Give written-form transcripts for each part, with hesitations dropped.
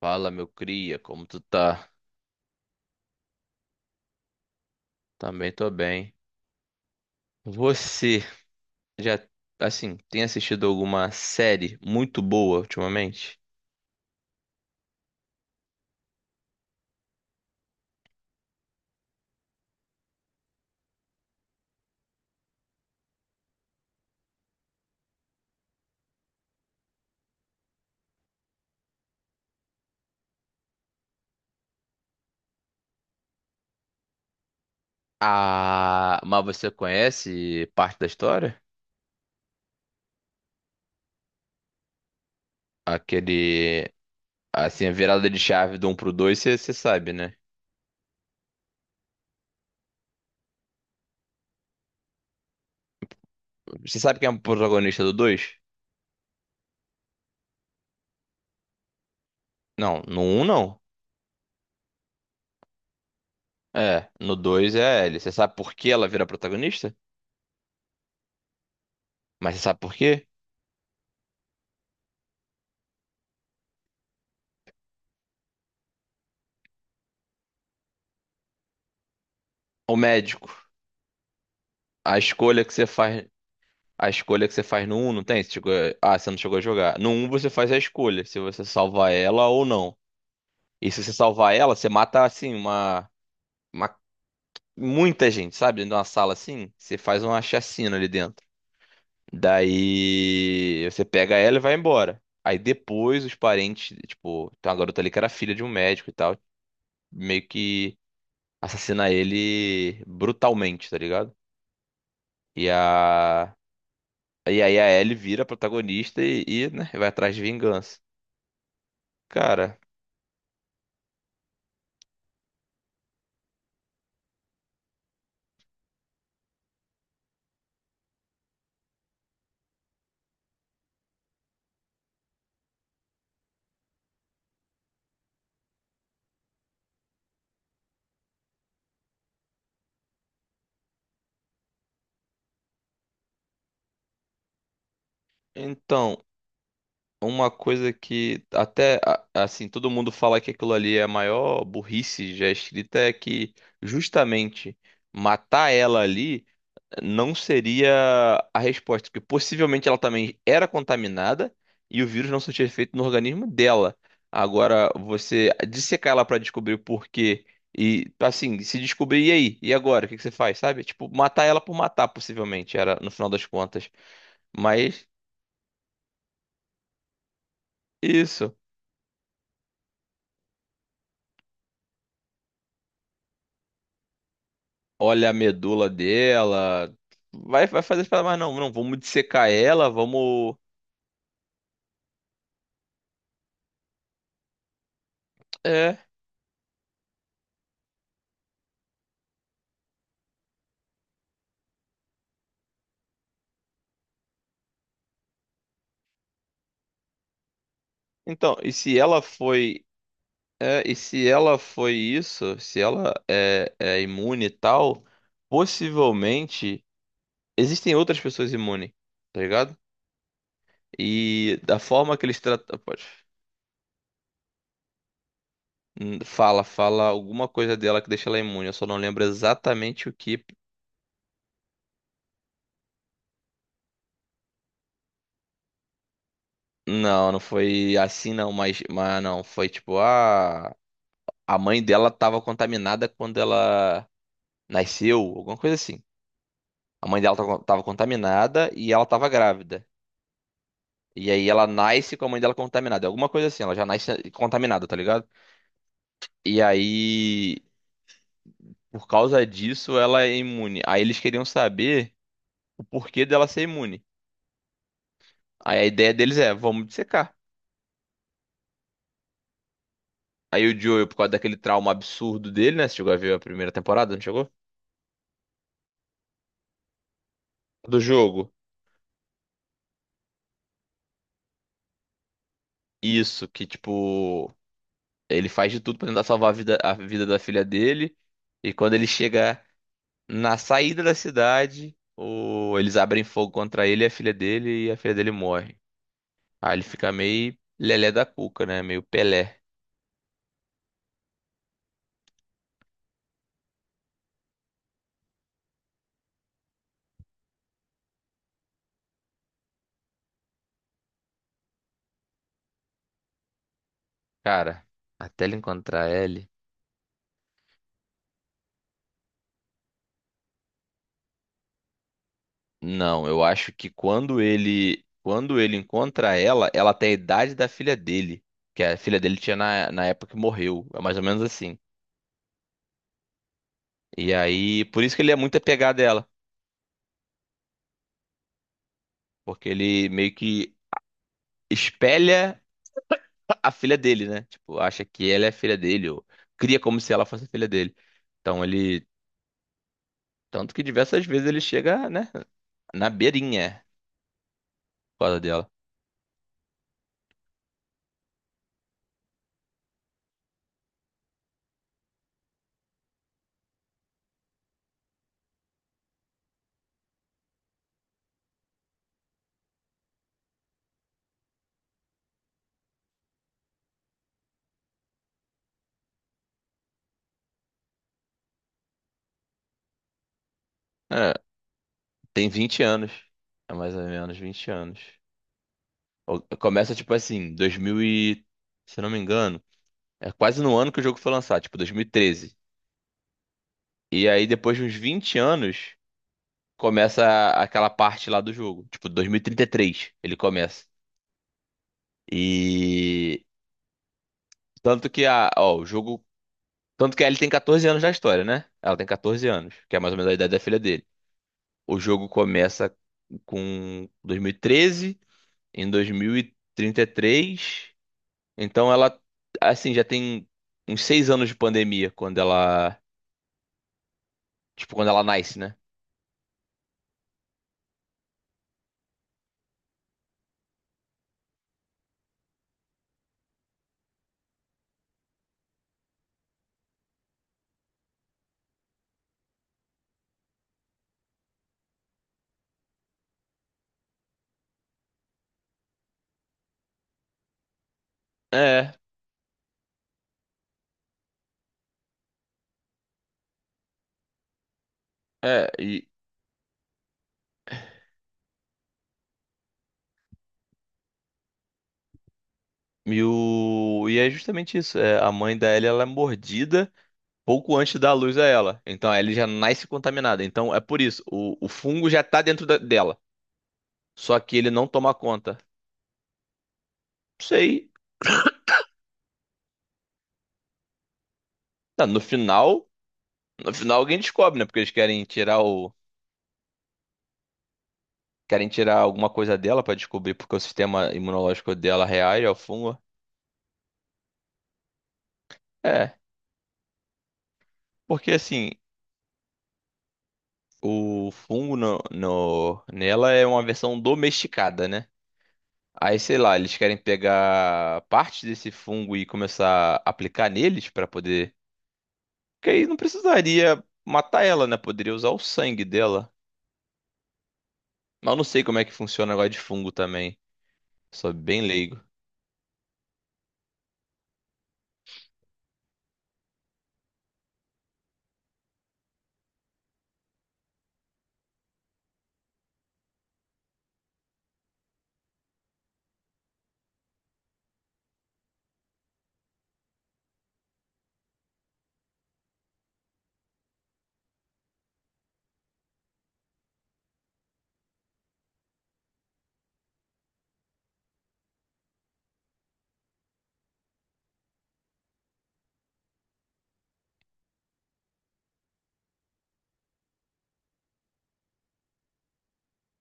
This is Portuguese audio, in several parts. Fala, meu cria, como tu tá? Também tô bem. Você já, assim, tem assistido alguma série muito boa ultimamente? Ah, mas você conhece parte da história? Aquele, assim, a virada de chave do 1 pro 2 você sabe, né? Você sabe quem é o protagonista do dois? Não, no um não. É, no dois é a Ellie. Você sabe por que ela vira protagonista? Mas você sabe por quê? O médico. A escolha que você faz. A escolha que você faz no um, não tem? Você chegou... Ah, você não chegou a jogar. No um você faz a escolha, se você salvar ela ou não. E se você salvar ela, você mata, assim, uma muita gente, sabe? Dentro de uma sala assim, você faz uma chacina ali dentro. Daí você pega ela e vai embora. Aí depois os parentes, tipo, tem uma garota ali que era filha de um médico e tal, meio que assassina ele brutalmente, tá ligado? E a. E aí a Ellie vira a protagonista né, vai atrás de vingança. Cara, então, uma coisa que até assim, todo mundo fala que aquilo ali é a maior burrice já escrita é que justamente matar ela ali não seria a resposta, porque possivelmente ela também era contaminada e o vírus não surtia efeito no organismo dela. Agora, você dissecar ela pra descobrir o porquê e assim, se descobrir, e aí? E agora? O que que você faz, sabe? Tipo, matar ela por matar, possivelmente, era no final das contas. Mas isso. Olha a medula dela. Vai, vai fazer, para mas não, não, vamos dissecar ela, vamos. É. Então, e se ela foi. É, e se ela foi isso, se ela é imune e tal, possivelmente existem outras pessoas imunes, tá ligado? E da forma que eles tratam. Fala alguma coisa dela que deixa ela imune, eu só não lembro exatamente o que. Não, não foi assim não, mas não, foi tipo, ah. A mãe dela estava contaminada quando ela nasceu, alguma coisa assim. A mãe dela estava contaminada e ela estava grávida. E aí ela nasce com a mãe dela contaminada. É alguma coisa assim, ela já nasce contaminada, tá ligado? E aí, por causa disso, ela é imune. Aí eles queriam saber o porquê dela ser imune. Aí a ideia deles é, vamos dissecar. Aí o Joel, por causa daquele trauma absurdo dele, né? Você chegou a ver a primeira temporada, não chegou? Do jogo. Isso. Que tipo, ele faz de tudo pra tentar salvar a vida da filha dele. E quando ele chega na saída da cidade, o... eles abrem fogo contra ele e a filha dele, e a filha dele morre. Aí ele fica meio lelé da cuca, né? Meio Pelé. Cara, até ele encontrar ele. Não, eu acho que quando ele encontra ela, ela tem a idade da filha dele, que a filha dele tinha na época que morreu, é mais ou menos assim. E aí, por isso que ele é muito apegado a ela, porque ele meio que espelha a filha dele, né? Tipo, acha que ela é a filha dele, ou cria como se ela fosse a filha dele. Então ele. Tanto que diversas vezes ele chega, né? Na beirinha, é, por causa dela. É, tem 20 anos. É mais ou menos 20 anos. Começa, tipo assim, 2000 e... Se eu não me engano, é quase no ano que o jogo foi lançado, tipo 2013. E aí, depois de uns 20 anos, começa aquela parte lá do jogo. Tipo, dois mil e trinta e três ele começa. E... Tanto que a, ó, o jogo, tanto que a Ellie tem 14 anos na história, né? Ela tem 14 anos, que é mais ou menos a idade da filha dele. O jogo começa com 2013, em 2033. Então ela, assim, já tem uns 6 anos de pandemia quando ela, tipo, quando ela nasce, né? É, é, e, e é justamente isso. É, a mãe da Ellie, ela é mordida pouco antes da luz a ela. Então a Ellie já nasce contaminada. Então é por isso, o fungo já tá dentro dela. Só que ele não toma conta. Não sei. Não, no final, no final alguém descobre, né? Porque eles querem tirar querem tirar alguma coisa dela pra descobrir porque o sistema imunológico dela reage ao fungo. É, porque assim, o fungo nela é uma versão domesticada, né? Aí, sei lá, eles querem pegar parte desse fungo e começar a aplicar neles pra poder. Porque aí não precisaria matar ela, né? Poderia usar o sangue dela. Mas eu não sei como é que funciona o negócio de fungo também. Sou bem leigo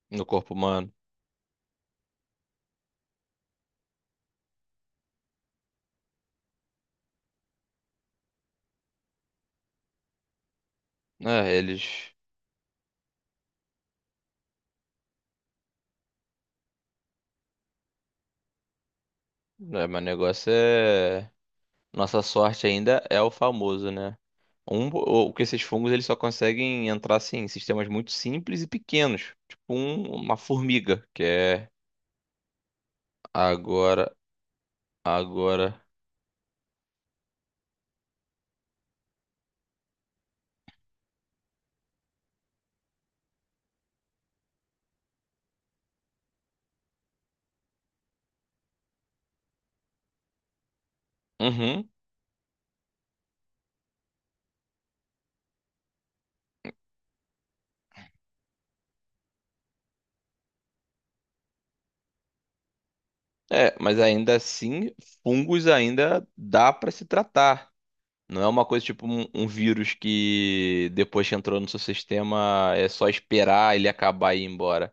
no corpo humano. É, eles. Né, mas o negócio é. Nossa sorte ainda é o famoso, né? O que esses fungos, eles só conseguem entrar assim em sistemas muito simples e pequenos. Tipo uma formiga, que é agora, agora. Uhum. É, mas ainda assim, fungos ainda dá pra se tratar. Não é uma coisa tipo um, um vírus que depois que entrou no seu sistema é só esperar ele acabar e ir embora.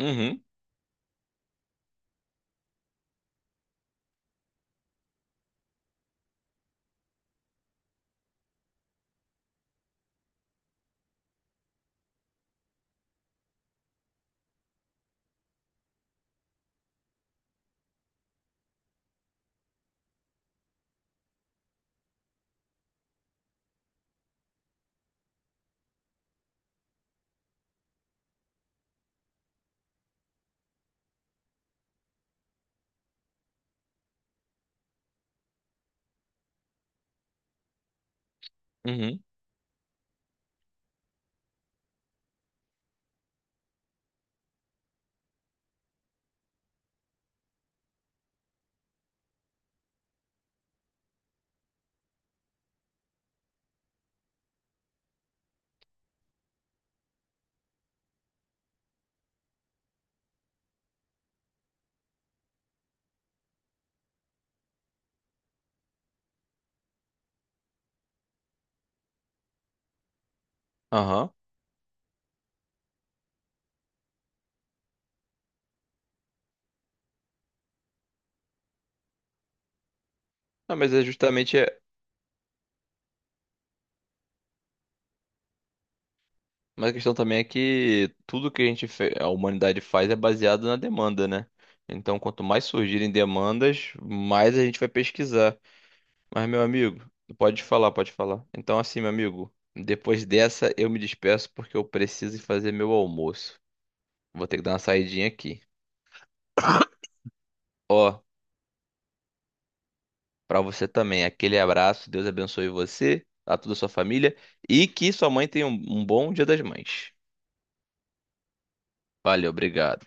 Uhum, uhum, aham. Não, mas é justamente. Mas a questão também é que tudo que a gente, a humanidade faz é baseado na demanda, né? Então, quanto mais surgirem demandas, mais a gente vai pesquisar. Mas, meu amigo, pode falar, pode falar. Então, assim, meu amigo, depois dessa eu me despeço porque eu preciso ir fazer meu almoço. Vou ter que dar uma saidinha aqui. Ó, pra você também, aquele abraço, Deus abençoe você, a toda a sua família e que sua mãe tenha um bom Dia das Mães. Valeu, obrigado.